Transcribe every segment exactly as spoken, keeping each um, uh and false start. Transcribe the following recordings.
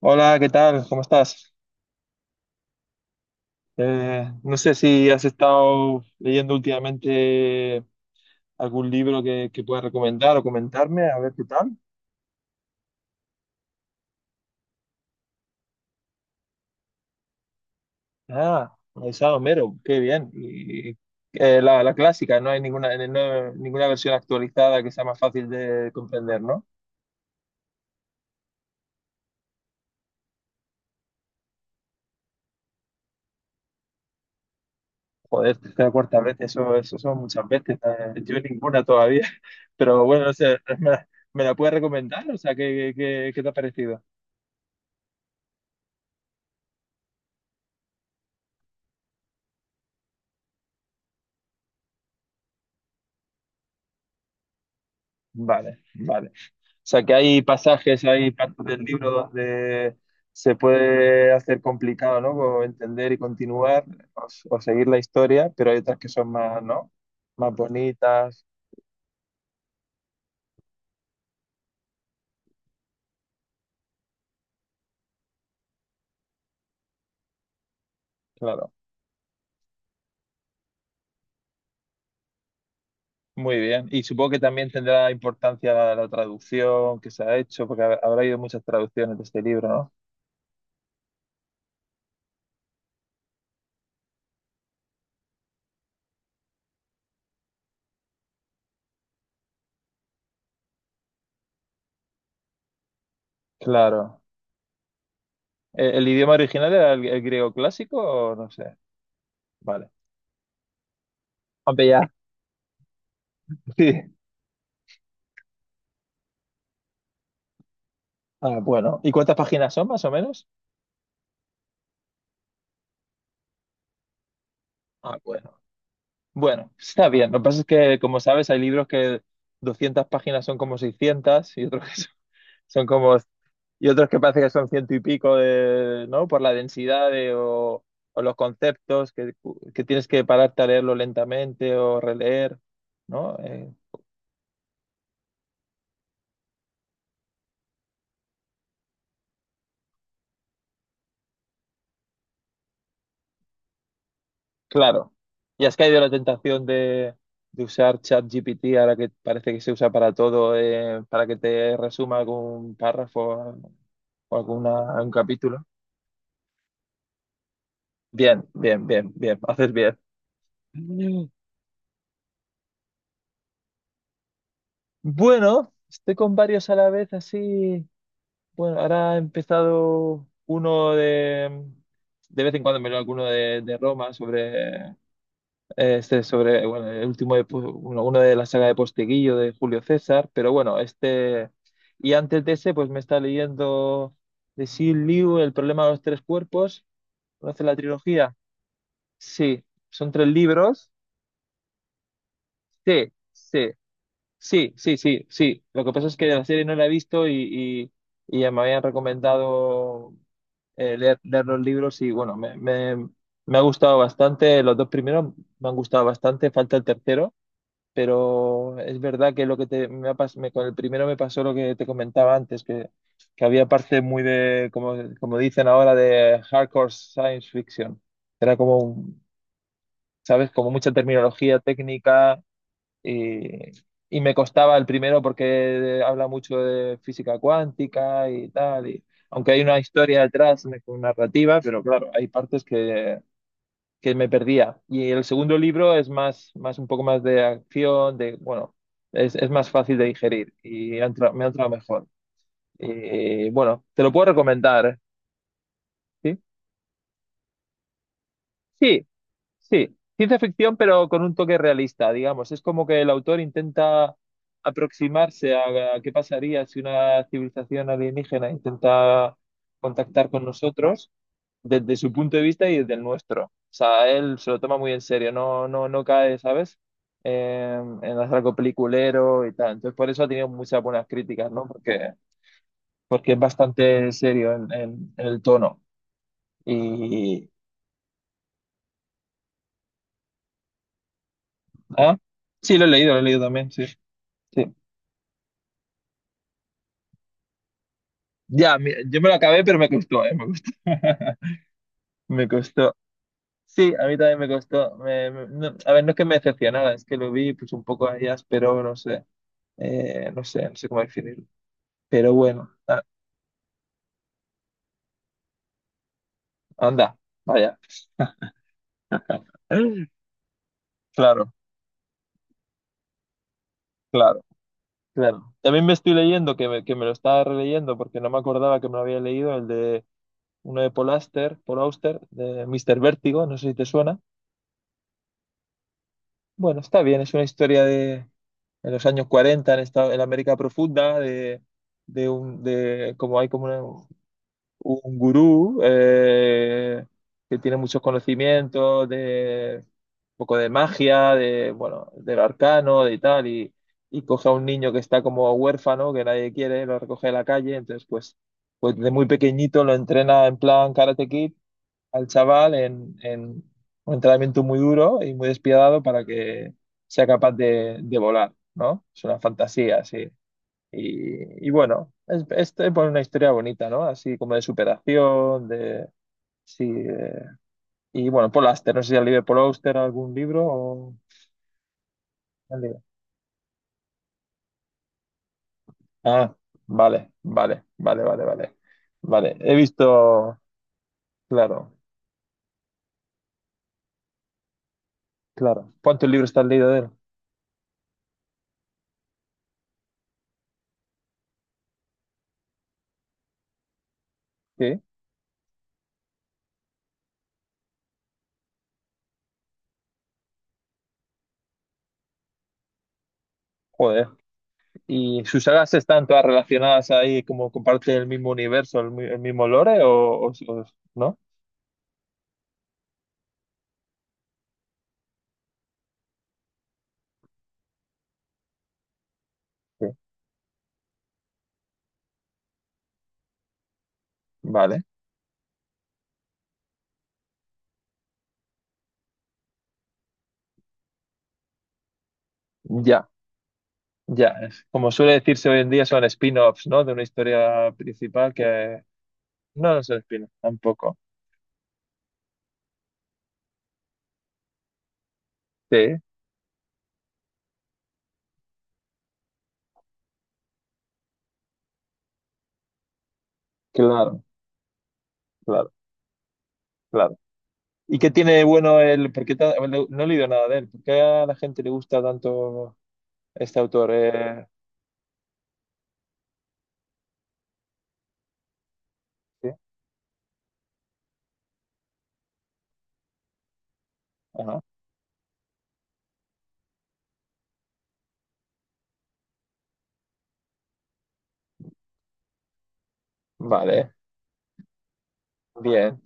Hola, ¿qué tal? ¿Cómo estás? Eh, no sé si has estado leyendo últimamente algún libro que, que puedas recomendar o comentarme, a ver qué tal. Ah, Isao Mero, qué bien. Y, eh, la, la clásica, no hay ninguna, eh, no- ninguna versión actualizada que sea más fácil de comprender, ¿no? Joder, la cuarta vez, eso, eso son muchas veces. eh, Yo ninguna todavía, pero bueno, no sé, ¿me, la me la puedes recomendar? O sea, ¿qué, qué, qué te ha parecido? Vale, vale. O sea, que hay pasajes, hay partes del libro donde se puede hacer complicado, ¿no? Como entender y continuar o, s- o seguir la historia, pero hay otras que son más, ¿no? Más bonitas, claro. Muy bien. Y supongo que también tendrá importancia la, la traducción que se ha hecho, porque ha- habrá habido muchas traducciones de este libro, ¿no? Claro. ¿El, el idioma original era el, el griego clásico o no sé? Vale. Aunque ya. Sí. Ah, bueno. ¿Y cuántas páginas son más o menos? Ah, bueno. Bueno, está bien. Lo que pasa es que, como sabes, hay libros que doscientas páginas son como seiscientas y otros que son son como... Y otros que parece que son ciento y pico de, ¿no? Por la densidad de- o, o los conceptos que, que tienes que pararte a leerlo lentamente o releer, ¿no? Eh, claro. Y has caído en la tentación de, de usar ChatGPT ahora que parece que se usa para todo, eh, para que te resuma algún párrafo o alguna, algún capítulo. Bien, bien, bien, bien. Haces bien. Mm. Bueno, estoy con varios a la vez, así. Bueno, ahora he empezado uno de. De vez en cuando me leo alguno de, de Roma sobre. eh, Este sobre. Bueno, el último de, Pu- uno, uno de la saga de Posteguillo de Julio César, pero bueno, este. Y antes de ese, pues me está leyendo de Sil Liu, El problema de los tres cuerpos. ¿Conoce la trilogía? Sí, son tres libros. Sí, sí. Sí, sí, sí, sí. Lo que pasa es que la serie no la he visto y, y, y ya me habían recomendado eh, leer, leer los libros y bueno, me, me, me ha gustado bastante. Los dos primeros me han gustado bastante, falta el tercero, pero es verdad que lo que te, me ha pas- me- con el primero me pasó lo que te comentaba antes, que, que había parte muy de, como, como dicen ahora, de hardcore science fiction. Era como, un- ¿sabes? Como mucha terminología técnica y, y me costaba el primero porque habla mucho de física cuántica y tal, y aunque hay una historia detrás, una narrativa, pero claro, hay partes que, que me perdía. Y el segundo libro es más, más un poco más de acción, de, bueno, es, es más fácil de digerir y ha entra- me ha entrado mejor. Y, bueno, te lo puedo recomendar, ¿eh? ¿Sí? Sí, sí, ciencia ficción, pero con un toque realista, digamos. Es como que el autor intenta aproximarse a, a qué pasaría si una civilización alienígena intenta contactar con nosotros desde su punto de vista y desde el nuestro. O sea, él se lo toma muy en serio, no, no, no cae, ¿sabes? Eh, en hacer algo peliculero y tal. Entonces, por eso ha tenido muchas buenas críticas, ¿no? Porque, porque es bastante serio en, en- en el tono. Y. ¿Ah? Sí, lo he leído, lo he leído también, sí. Sí. Ya, mi- yo me lo acabé, pero me costó, ¿eh? Me costó. Me costó. Sí, a mí también me costó. Me- me- no- a ver, no es que me decepcionara, es que lo vi pues un poco ahí áspero, no sé. Eh, no sé, no sé cómo definirlo. Pero bueno, a- anda, vaya. Claro, claro, claro. También me estoy leyendo, que me, que me lo estaba releyendo porque no me acordaba que me lo había leído, el de uno de Paul Auster, Paul Auster, de míster Vértigo, no sé si te suena. Bueno, está bien, es una historia de en los años cuarenta en, esta, en la América profunda, de, de un, de como hay como una- un gurú eh, que tiene muchos conocimientos de un poco de magia, de bueno, del arcano, de tal, y, y coge a un niño que está como huérfano, que nadie quiere, lo recoge de la calle, entonces pues, pues de muy pequeñito lo entrena en plan Karate Kid al chaval en, en un entrenamiento muy duro y muy despiadado para que sea capaz de, de volar, ¿no? Es una fantasía, sí. Y, y bueno, es, es, es una historia bonita, ¿no? Así como de superación, de... Sí, eh, y bueno, Paul Auster, no sé si has leído Paul Auster algún libro o... ¿Has leído? Ah, vale, vale, vale, vale, vale. Vale, he visto, claro, claro. ¿Cuántos libros te has leído de él? Sí, joder. ¿Y sus sagas están todas relacionadas ahí, como comparten el mismo universo, el, mi- el mismo lore, o, o- o no? Sí. Vale, ya, ya. Es- Como suele decirse hoy en día, son spin-offs, ¿no? De una historia principal que no, no son spin-offs tampoco. Sí, claro, claro, claro. ¿Y qué tiene de bueno el...? ¿Por qué ta- no no he leído nada de él. ¿Por qué a la gente le gusta tanto este autor? Eh, sí, ajá. Vale, bien.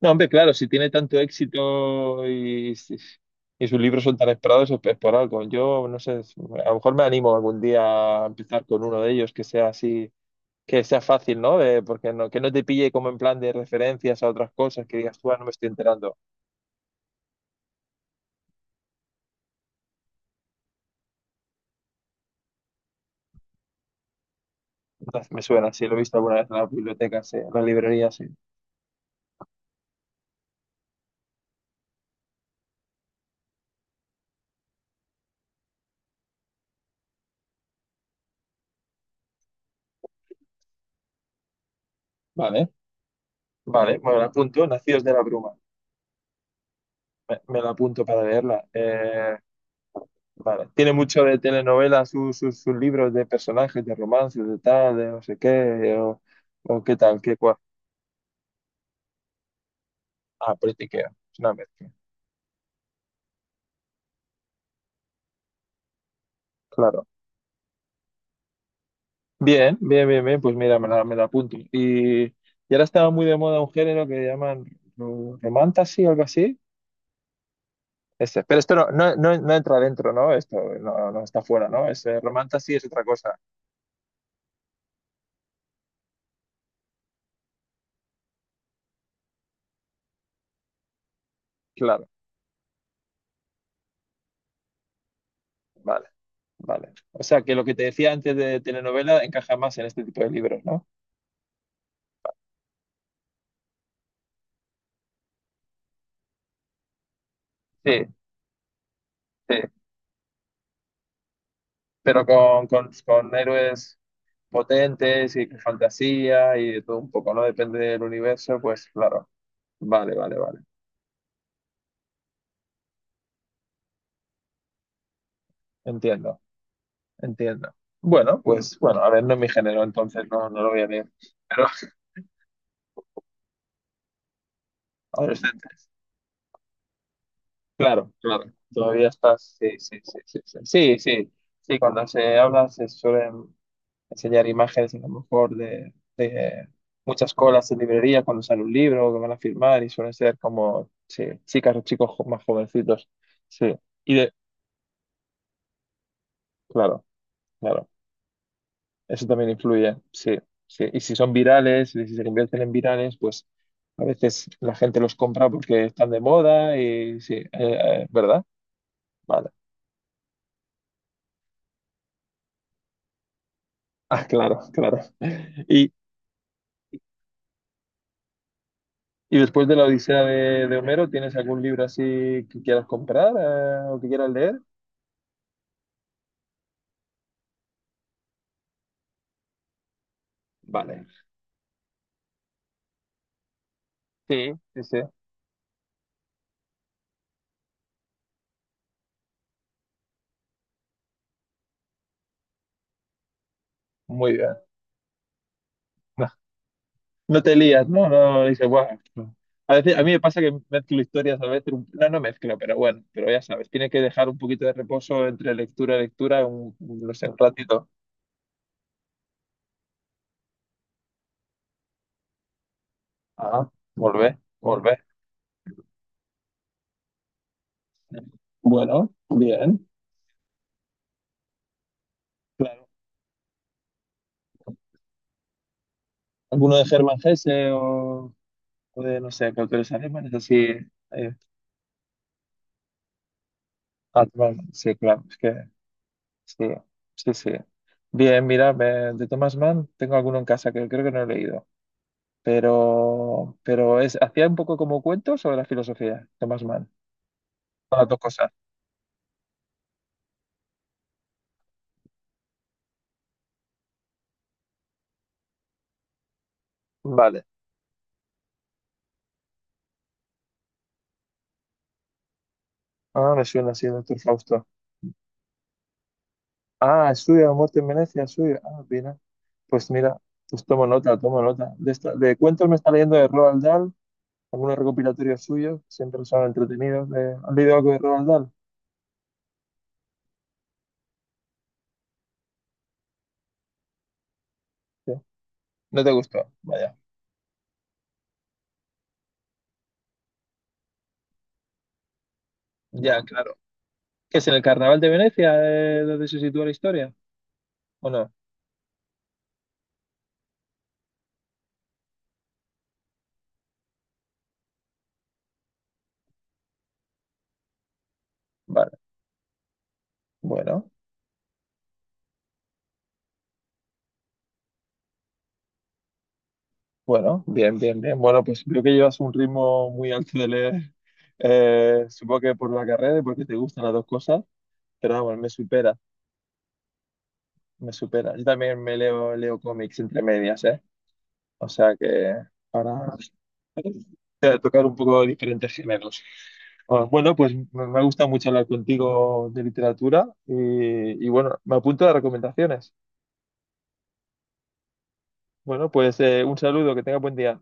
No, hombre, claro, si tiene tanto éxito y, si, y sus libros son tan esperados, es es por algo. Yo no sé, a lo mejor me animo algún día a empezar con uno de ellos que sea así, que sea fácil, ¿no? De- porque no, que no te pille como en plan de referencias a otras cosas que digas tú, "Ah, no me estoy enterando." Entonces, me suena, sí, lo he visto alguna vez en las bibliotecas, sí, en las librerías, sí. Vale, vale, me la apunto, Nacidos de la Bruma. Me, me la apunto para leerla. Eh, Vale. Tiene mucho de telenovela sus sus- sus libros de personajes, de romances, de tal, de no sé qué, o, o qué tal, qué cual. Ah, politiqueo. Es una mezcla. Claro. Bien, bien, bien, bien. Pues mira, me la, me la apunto. Y, y ahora estaba muy de moda un género que llaman ro- romantasy o algo así. Ese. Pero esto no, no, no, no entra dentro, ¿no? Esto no, no está fuera, ¿no? Ese romantasy es otra cosa. Claro. Vale, vale. O sea que lo que te decía antes de telenovela encaja más en este tipo de libros, ¿no? Sí, sí. Pero con, con, con héroes potentes y con fantasía y de todo un poco, ¿no? Depende del universo, pues claro. Vale, vale, vale. Entiendo, entiendo. Bueno, pues bueno, a ver, no es mi género, entonces no, no lo voy a leer. Pero adolescente, claro, claro. Todavía estás, sí, sí, sí, sí, sí. Sí, sí. Sí, cuando se habla se suelen enseñar imágenes a lo mejor de, de muchas colas en librería cuando sale un libro que van a firmar y suelen ser como sí, chicas o chicos jo- más jovencitos. Sí, y de, claro, claro, eso también influye, sí, sí. Y si son virales, y si se convierten en virales, pues a veces la gente los compra porque están de moda y sí, eh, eh, ¿verdad? Vale. Ah, claro, claro. Y, y después de la Odisea de, de Homero, ¿tienes algún libro así que quieras comprar eh, o que quieras leer? Vale. Sí, sí, sí. Muy bien. No, no te lías, ¿no? No, no, dice "Buah, no." A veces, a mí me pasa que mezclo historias, a veces, un- no, no mezclo, pero bueno, pero ya sabes, tiene que dejar un poquito de reposo entre lectura y lectura, un, un- no sé, un ratito. Ah, volver, volver. Bueno, bien, claro. ¿Alguno de Germán Hesse o, o de, no sé, qué autores alemanes? Así, eh, Hartmann, sí, claro, es que sí, sí, sí. Bien, mira, me- de Thomas Mann tengo alguno en casa que creo que no he leído. pero, pero es, hacía un poco como cuento sobre la filosofía, Thomas Mann. Son las dos cosas. Vale. Ah, me suena así, doctor Fausto. Ah, es suya, la muerte en Venecia, es suya. Ah, mira. Pues mira, pues tomo nota, tomo nota. De, esta- de cuentos me está leyendo de Roald Dahl, algunos recopilatorios suyos, siempre son entretenidos. De, ¿has leído algo de Roald Dahl? Sí. No te gustó, vaya. Ya, claro. ¿Qué es en el Carnaval de Venecia, eh, donde se sitúa la historia? ¿O no? Vale. Bueno. Bueno, bien, bien, bien. Bueno, pues veo que llevas un ritmo muy alto de leer. Eh, supongo que por la carrera y porque te gustan las dos cosas, pero vamos, me supera, me supera. Yo también me leo, leo cómics entre medias, ¿eh? O sea que para eh, tocar un poco diferentes géneros. Ah, bueno, pues me me ha gustado mucho hablar contigo de literatura y, y bueno, me apunto a las recomendaciones. Bueno, pues eh, un saludo, que tenga buen día.